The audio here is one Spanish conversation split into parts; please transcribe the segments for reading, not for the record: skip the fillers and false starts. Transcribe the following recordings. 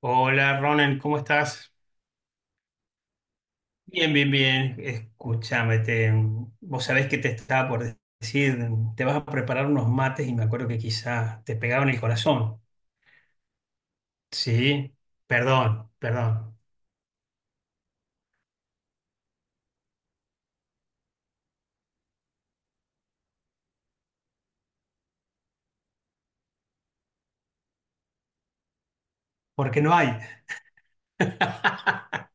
Hola Ronan, ¿cómo estás? Bien, bien, bien. Escúchame, vos sabés que te estaba por decir, te vas a preparar unos mates y me acuerdo que quizás te pegaban el corazón. Sí, perdón, perdón, porque no hay.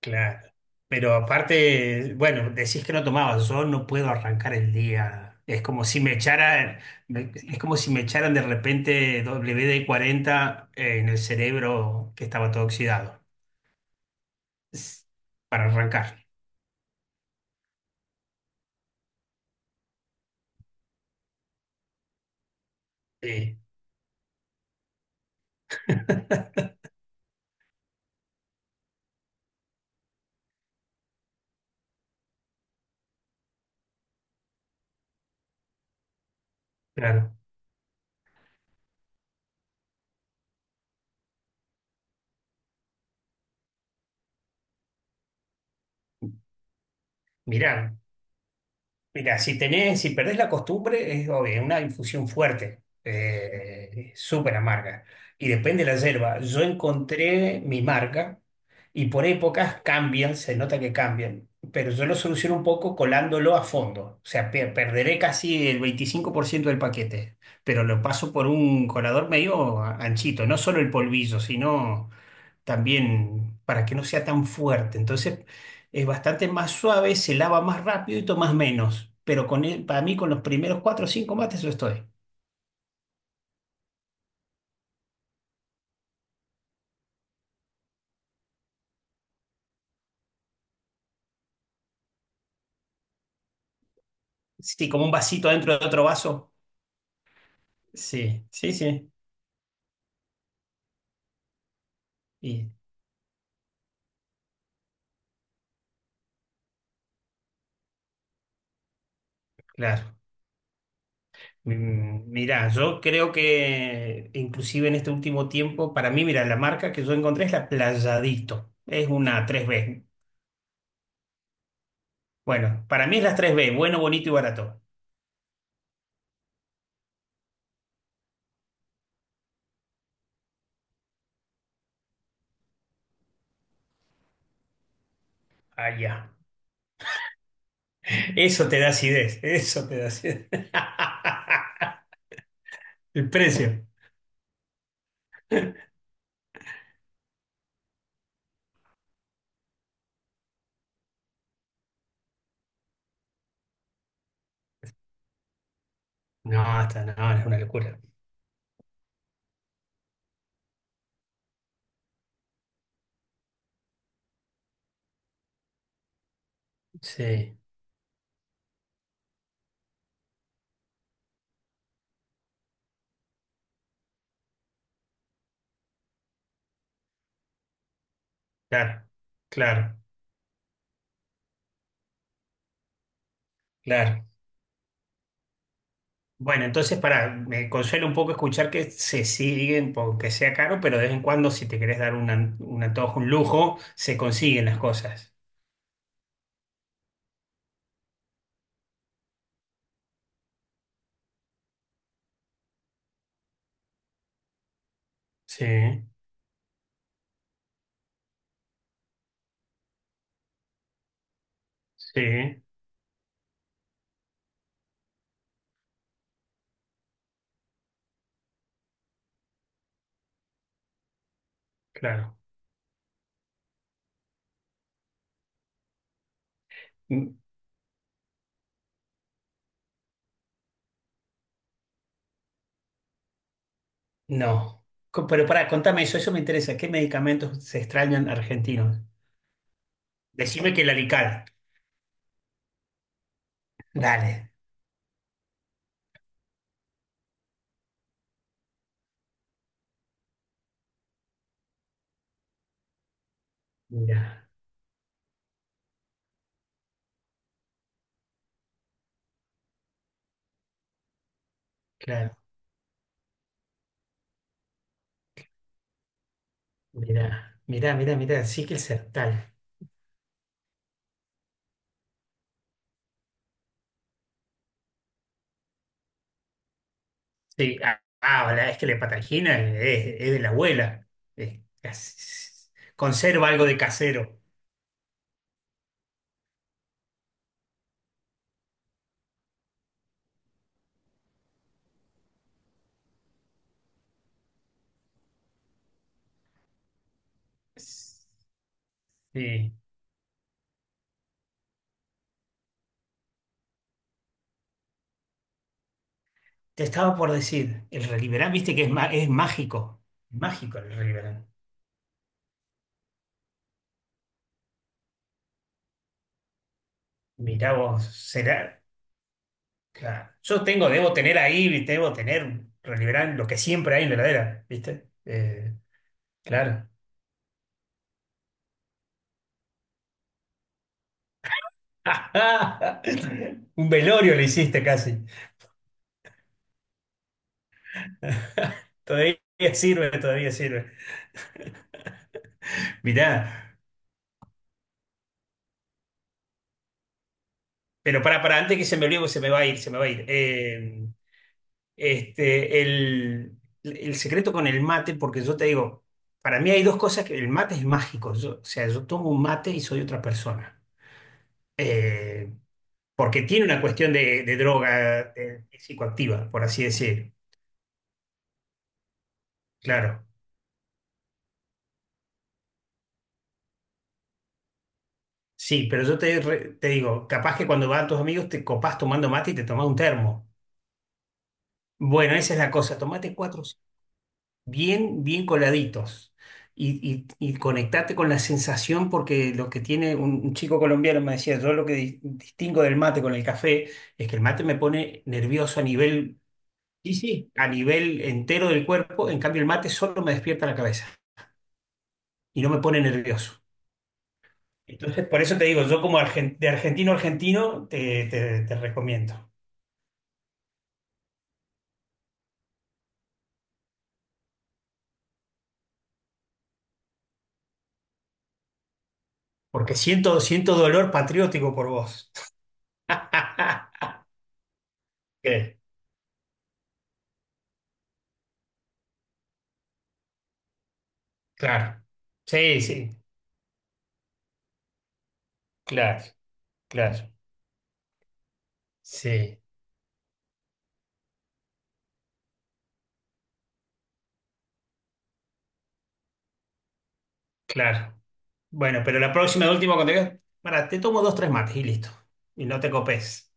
Claro. Pero aparte, bueno, decís que no tomabas, yo no puedo arrancar el día. Es como si me echaran, es como si me echaran de repente WD-40 en el cerebro que estaba todo oxidado. s- para arrancar. Sí, claro. Mirá, mirá, si tenés, si perdés la costumbre, es obvio, una infusión fuerte, súper amarga. Y depende de la yerba. Yo encontré mi marca y por épocas cambian, se nota que cambian. Pero yo lo soluciono un poco colándolo a fondo. O sea, perderé casi el 25% del paquete, pero lo paso por un colador medio anchito, no solo el polvillo, sino también para que no sea tan fuerte. Entonces es bastante más suave, se lava más rápido y tomas menos. Pero con para mí con los primeros cuatro o cinco mates yo estoy. Sí, como un vasito dentro de otro vaso. Sí, sí, sí. Y claro. Mirá, yo creo que inclusive en este último tiempo, para mí, mira, la marca que yo encontré es la Playadito. Es una tres b. Bueno, para mí es la tres b, bueno, bonito y barato. Allá. Eso te da acidez, eso te da acidez. El precio. No, está, no, es una locura. Sí, claro, claro, claro. Bueno, entonces para, me consuela un poco escuchar que se siguen, aunque sea caro, pero de vez en cuando, si te querés dar un, un antojo, un lujo, se consiguen las cosas. Sí, sí, claro. Mm, No. Pero para, contame eso, eso me interesa. ¿Qué medicamentos se extrañan argentinos? Decime que el alical. Dale. Mira, claro. Mirá, mirá, mirá, mirá, sí que el Sertal. Sí, ah, ah, es que la patagina, es de la abuela. Conserva algo de casero. Sí. Te estaba por decir, el Reliberán, viste que es, es mágico. Mágico el Reliberán. Mirá vos, será. Claro. Yo tengo, debo tener ahí, debo tener Reliberán, lo que siempre hay en la heladera, ¿viste? Claro. Un velorio le hiciste casi. Todavía sirve, todavía sirve. Mirá, pero para antes que se me olvide, porque se me va a ir, se me va a ir. Este, el, el secreto con el mate, porque yo te digo, para mí hay dos cosas que el mate es mágico. O sea, yo tomo un mate y soy otra persona. Eh, Porque tiene una cuestión de droga psicoactiva, por así decir. Claro. Sí, pero yo te, te digo, capaz que cuando van tus amigos te copás tomando mate y te tomás un termo. Bueno, esa es la cosa. Tomate cuatro bien, bien coladitos. Y conectate con la sensación, porque lo que tiene un chico colombiano me decía, yo lo que distingo del mate con el café es que el mate me pone nervioso a nivel, sí, sí, a nivel entero del cuerpo, en cambio el mate solo me despierta la cabeza y no me pone nervioso. Entonces, por eso te digo, yo como de argentino a argentino te recomiendo, porque siento, siento dolor patriótico por vos. Sí, claro. Sí, sí, claro, claro. Sí, claro. Bueno, pero la próxima, última, cuando digas, para, te tomo dos, tres mates y listo. Y no te copes.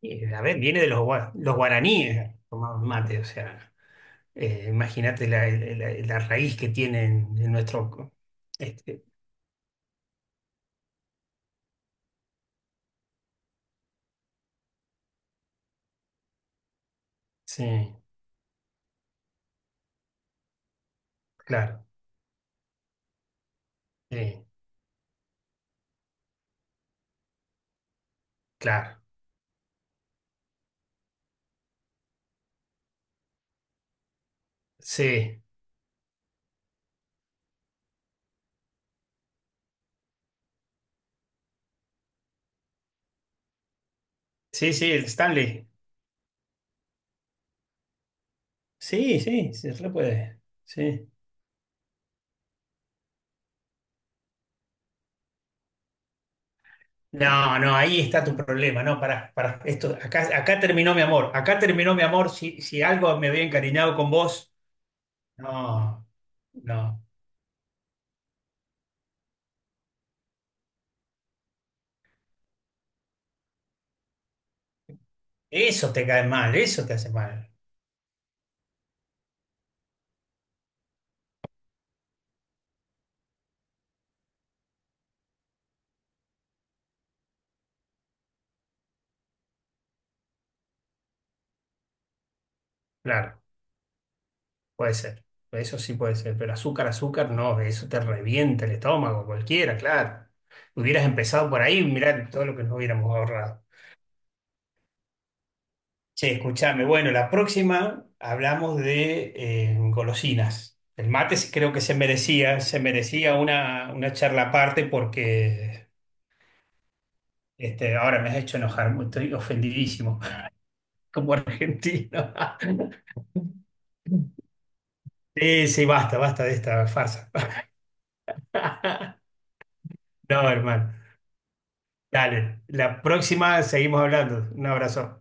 Y, a ver, viene de los, los guaraníes, tomaban mate, o sea, imagínate la, la raíz que tienen en nuestro... Este, sí, claro, sí, claro. Sí, sí, sí, el Stanley. Sí, sí, se re puede. Sí. No, no, ahí está tu problema, no, para esto, acá, acá terminó mi amor, acá terminó mi amor, si, si algo me había encariñado con vos, no, no, eso te cae mal, eso te hace mal, claro, puede ser, eso sí puede ser, pero azúcar, azúcar, no, eso te revienta el estómago, cualquiera, claro, hubieras empezado por ahí, mirá todo lo que nos hubiéramos ahorrado. Che, escúchame. Bueno, la próxima hablamos de golosinas. El mate sí creo que se merecía una charla aparte porque ahora me has hecho enojar, estoy ofendidísimo como argentino. Sí, sí, basta, basta de esta farsa. No, hermano. Dale, la próxima seguimos hablando. Un abrazo.